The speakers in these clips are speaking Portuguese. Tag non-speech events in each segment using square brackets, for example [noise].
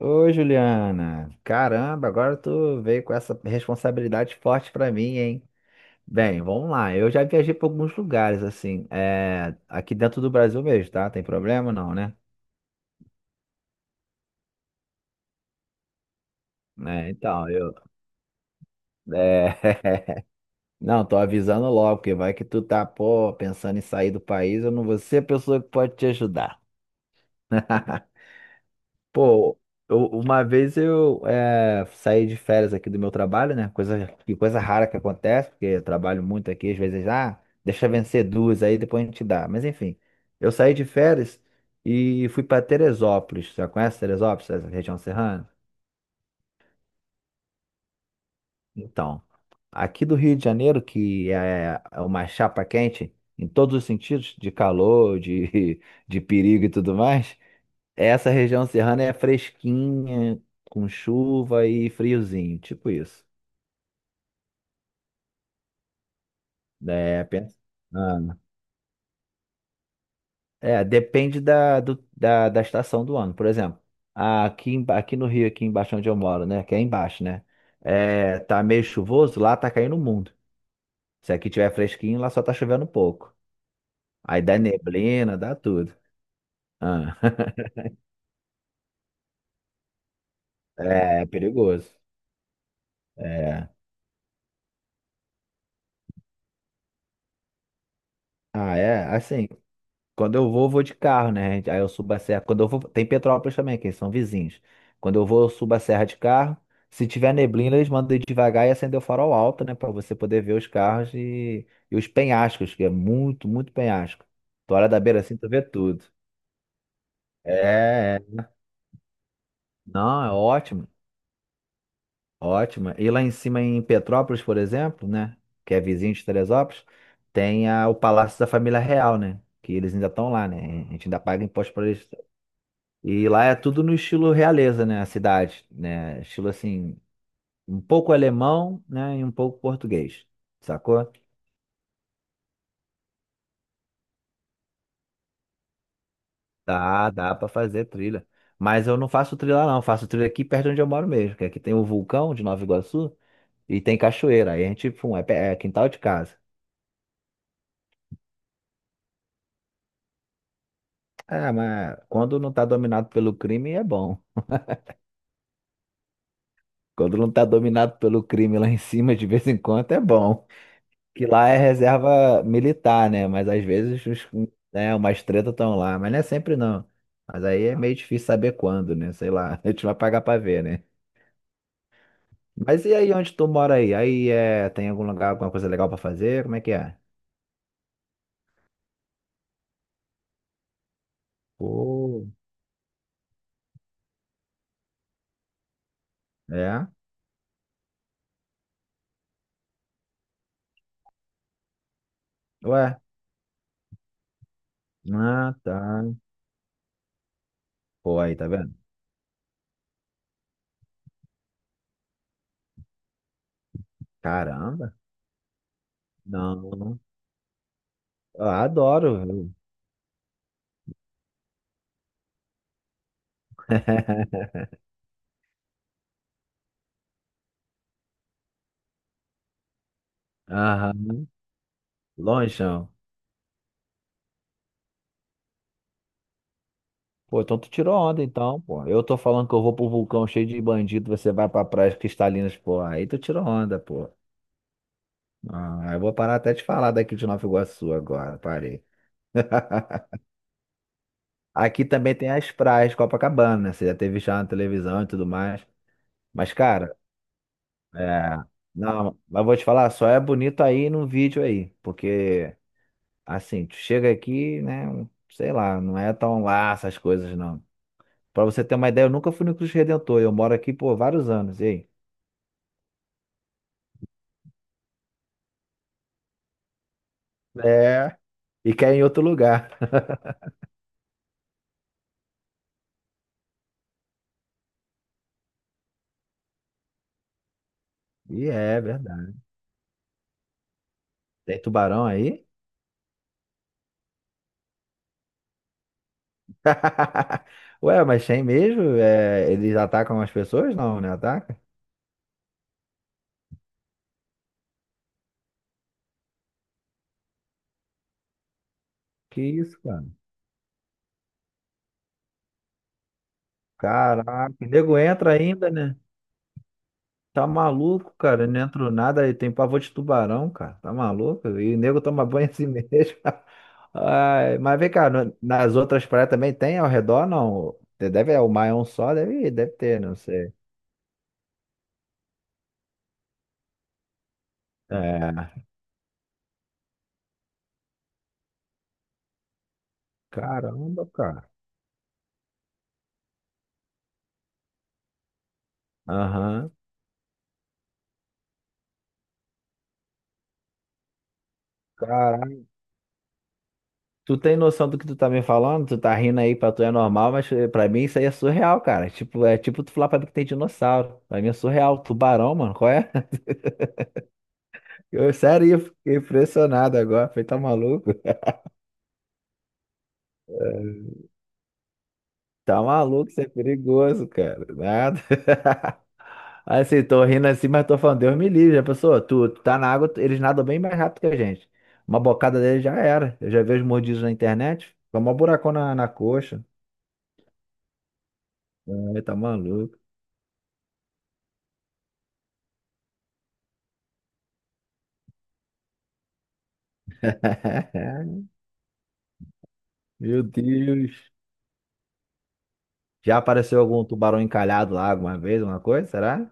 Ô, Juliana, caramba, agora tu veio com essa responsabilidade forte pra mim, hein? Bem, vamos lá. Eu já viajei pra alguns lugares, assim, é, aqui dentro do Brasil mesmo, tá? Tem problema não, né? É, então, eu. É, [laughs] Não, tô avisando logo, porque vai que tu tá, pô, pensando em sair do país, eu não vou ser a pessoa que pode te ajudar. [laughs] Pô, uma vez eu saí de férias aqui do meu trabalho, né? Que coisa rara que acontece, porque eu trabalho muito aqui, às vezes, ah, deixa vencer duas aí, depois a gente dá. Mas enfim, eu saí de férias e fui para Teresópolis. Você conhece Teresópolis, essa região serrana? Então, aqui do Rio de Janeiro, que é uma chapa quente em todos os sentidos, de calor, de, [laughs] de perigo e tudo mais, essa região serrana é fresquinha, com chuva e friozinho, tipo isso. É, pensa- Ah. É, depende da estação do ano. Por exemplo, aqui no Rio, aqui embaixo onde eu moro, né? Que é embaixo, né? É, tá meio chuvoso, lá tá caindo o mundo. Se aqui tiver fresquinho, lá só tá chovendo um pouco. Aí dá neblina, dá tudo. Ah. [laughs] É, perigoso. É. Ah, é, assim. Quando eu vou, vou de carro, né? Aí eu subo a serra. Quando eu vou, tem Petrópolis também, que eles são vizinhos. Quando eu vou, eu subo a serra de carro. Se tiver neblina, eles mandam ir devagar e acender o farol alto, né? Pra você poder ver os carros e os penhascos, que é muito, muito penhasco. Tu olha da beira assim, tu vê tudo. É, é. Não, é ótimo, ótimo. E lá em cima em Petrópolis, por exemplo, né? Que é vizinho de Teresópolis, tem o Palácio da Família Real, né? Que eles ainda estão lá, né? A gente ainda paga imposto para eles. E lá é tudo no estilo realeza, né? A cidade, né? Estilo assim, um pouco alemão, né? E um pouco português, sacou? Dá pra fazer trilha. Mas eu não faço trilha lá, não. Eu faço trilha aqui perto de onde eu moro mesmo, que aqui tem o vulcão de Nova Iguaçu e tem cachoeira. Aí a gente, pum, é quintal de casa. Ah, mas quando não tá dominado pelo crime, é bom. Quando não tá dominado pelo crime lá em cima, de vez em quando, é bom. Que lá é reserva militar, né? Mas às vezes os, né, umas tretas estão lá, mas não é sempre não. Mas aí é meio difícil saber quando, né? Sei lá, [laughs] a gente vai pagar pra ver, né? Mas e aí, onde tu mora aí? Aí é, tem algum lugar, alguma coisa legal pra fazer? Como é que é? Pô, é? Ué? Ah, tá. Pô, aí, tá vendo? Caramba. Não, não. Eu adoro. Viu? [laughs] Aham. Lonjão. Pô, então tu tirou onda, então, pô. Eu tô falando que eu vou pro vulcão cheio de bandido, você vai pra praias cristalinas, pô. Aí tu tirou onda, pô. Ah, eu vou parar até de falar daqui de Nova Iguaçu agora, parei. [laughs] Aqui também tem as praias de Copacabana, né? Você já teve já na televisão e tudo mais. Mas, cara, é... Não, mas vou te falar, só é bonito aí no vídeo aí. Porque, assim, tu chega aqui, né? Sei lá, não é tão lá essas coisas, não. Pra você ter uma ideia, eu nunca fui no Cristo Redentor. Eu moro aqui por vários anos. E aí? É. E quer em outro lugar. E é verdade. Tem tubarão aí? [laughs] Ué, mas tem mesmo? É, eles atacam as pessoas? Não, né? Ataca? Que isso, cara? Caraca, nego entra ainda, né? Tá maluco, cara. Não entrou nada e tem pavor de tubarão, cara. Tá maluco? E nego toma banho assim [laughs] mesmo. Ai, mas vem cá, nas outras praias também tem ao redor, não? Deve, é o mar é um só, deve, deve ter, não sei. É. Caramba, cara. Aham. Caraca. Tu tem noção do que tu tá me falando? Tu tá rindo aí, pra tu é normal, mas pra mim isso aí é surreal, cara. Tipo, é tipo tu falar pra mim que tem dinossauro. Pra mim é surreal. Tubarão, mano, qual é? [laughs] Eu, sério, eu fiquei impressionado agora. Falei, tá maluco? É, tá maluco, isso é perigoso, cara. Nada. [laughs] Assim, tô rindo assim, mas tô falando, Deus me livre, já pensou? Tu tá na água, eles nadam bem mais rápido que a gente. Uma bocada deles já era. Eu já vi os mordidos na internet. Foi um buracão na coxa. Ai, tá maluco. [laughs] Meu Deus. Já apareceu algum tubarão encalhado lá alguma vez, alguma coisa? Será?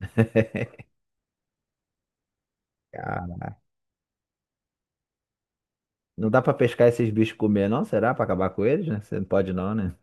[laughs] Cara, não dá pra pescar esses bichos e comer, não? Será? Pra acabar com eles, né? Você não pode, não, né?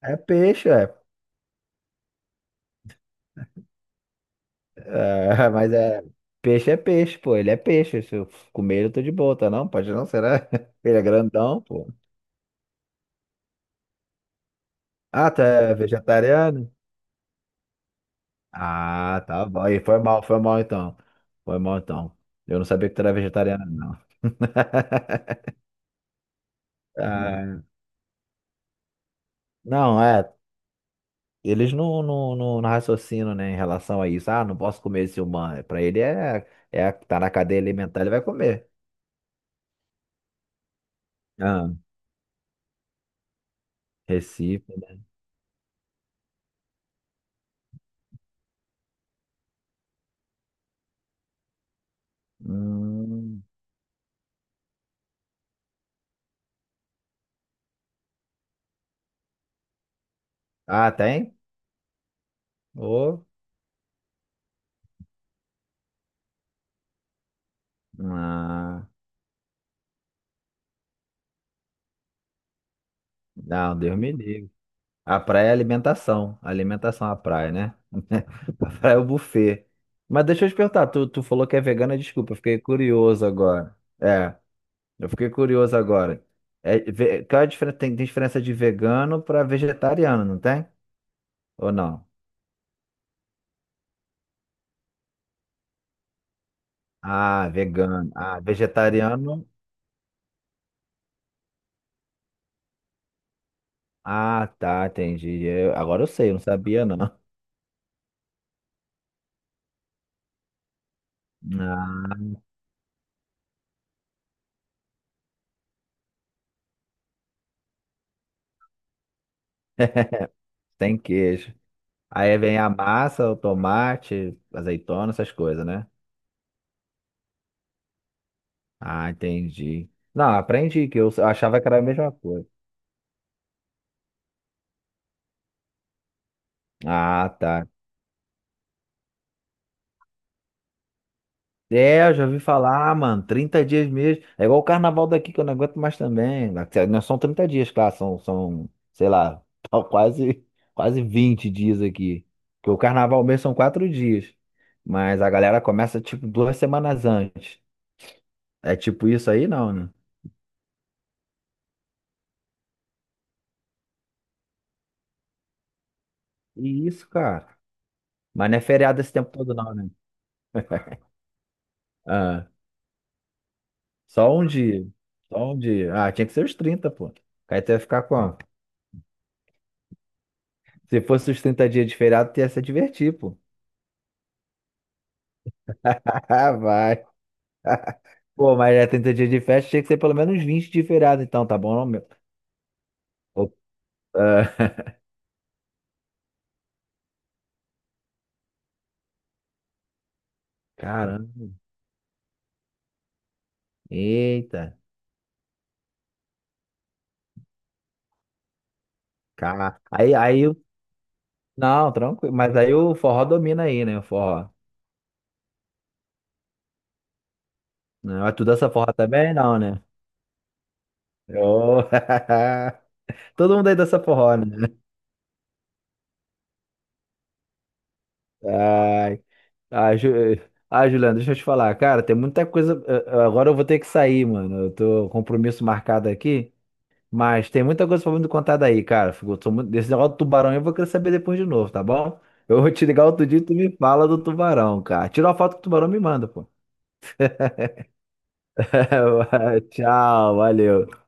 É peixe, é. É, [laughs] mas é. Peixe é peixe, pô. Ele é peixe. Se eu comer ele, eu tô de boa, tá não? Pode não, será? [laughs] Ele é grandão, pô. Ah, tá é vegetariano? Ah, tá bom. E foi mal então. Foi mal então. Eu não sabia que tu era vegetariano, não. Ah, não, é. Eles não, não, não, não raciocinam, né, em relação a isso. Ah, não posso comer esse humano. É, pra ele é, é tá na cadeia alimentar, ele vai comer. Ah, Recife, né? Hum. Ah, tem? Ô. Ah, não, Deus me livre. A praia é alimentação. Alimentação é a praia, né? [laughs] A praia é o buffet. Mas deixa eu te perguntar, tu falou que é vegana, desculpa, eu fiquei curioso agora. É, eu fiquei curioso agora. É, qual é a diferença? Tem diferença de vegano para vegetariano, não tem? Ou não? Ah, vegano. Ah, vegetariano. Ah, tá, entendi. Agora eu sei, eu não sabia não. Ah, tem queijo. Aí vem a massa, o tomate, azeitona, essas coisas, né? Ah, entendi. Não, aprendi que eu achava que era a mesma coisa. Ah, tá. É, eu já ouvi falar, mano, 30 dias mesmo. É igual o carnaval daqui que eu não aguento mais também. Não são 30 dias, claro, são, sei lá, [laughs] tá quase, quase 20 dias aqui. Porque o carnaval mesmo são 4 dias. Mas a galera começa tipo 2 semanas antes. É tipo isso aí, não, né? E isso, cara. Mas não é feriado esse tempo todo, não, né? Ah, só um dia. Só um dia. Ah, tinha que ser os 30, pô. Aí tu ia ficar como? Se fosse os 30 dias de feriado, tu ia se divertir, pô. [laughs] Ah, vai. Pô, mas é 30 dias de festa, tinha que ser pelo menos 20 de feriado, então, tá bom, não, meu? Ô, ah, caramba. Eita. Cara. Aí, aí, não, tranquilo. Mas aí o forró domina aí, né? O forró. Não, é tu dança forró também? Não, né? Ô, [laughs] Todo mundo aí dança forró, né? Ai, ai, ai, Juliano, deixa eu te falar. Cara, tem muita coisa. Agora eu vou ter que sair, mano. Eu tô com um compromisso marcado aqui. Mas tem muita coisa pra me contar daí, cara. Sou muito... Desse negócio do tubarão eu vou querer saber depois de novo, tá bom? Eu vou te ligar outro dia e tu me fala do tubarão, cara. Tira uma foto que o tubarão me manda, pô. [laughs] Tchau, valeu.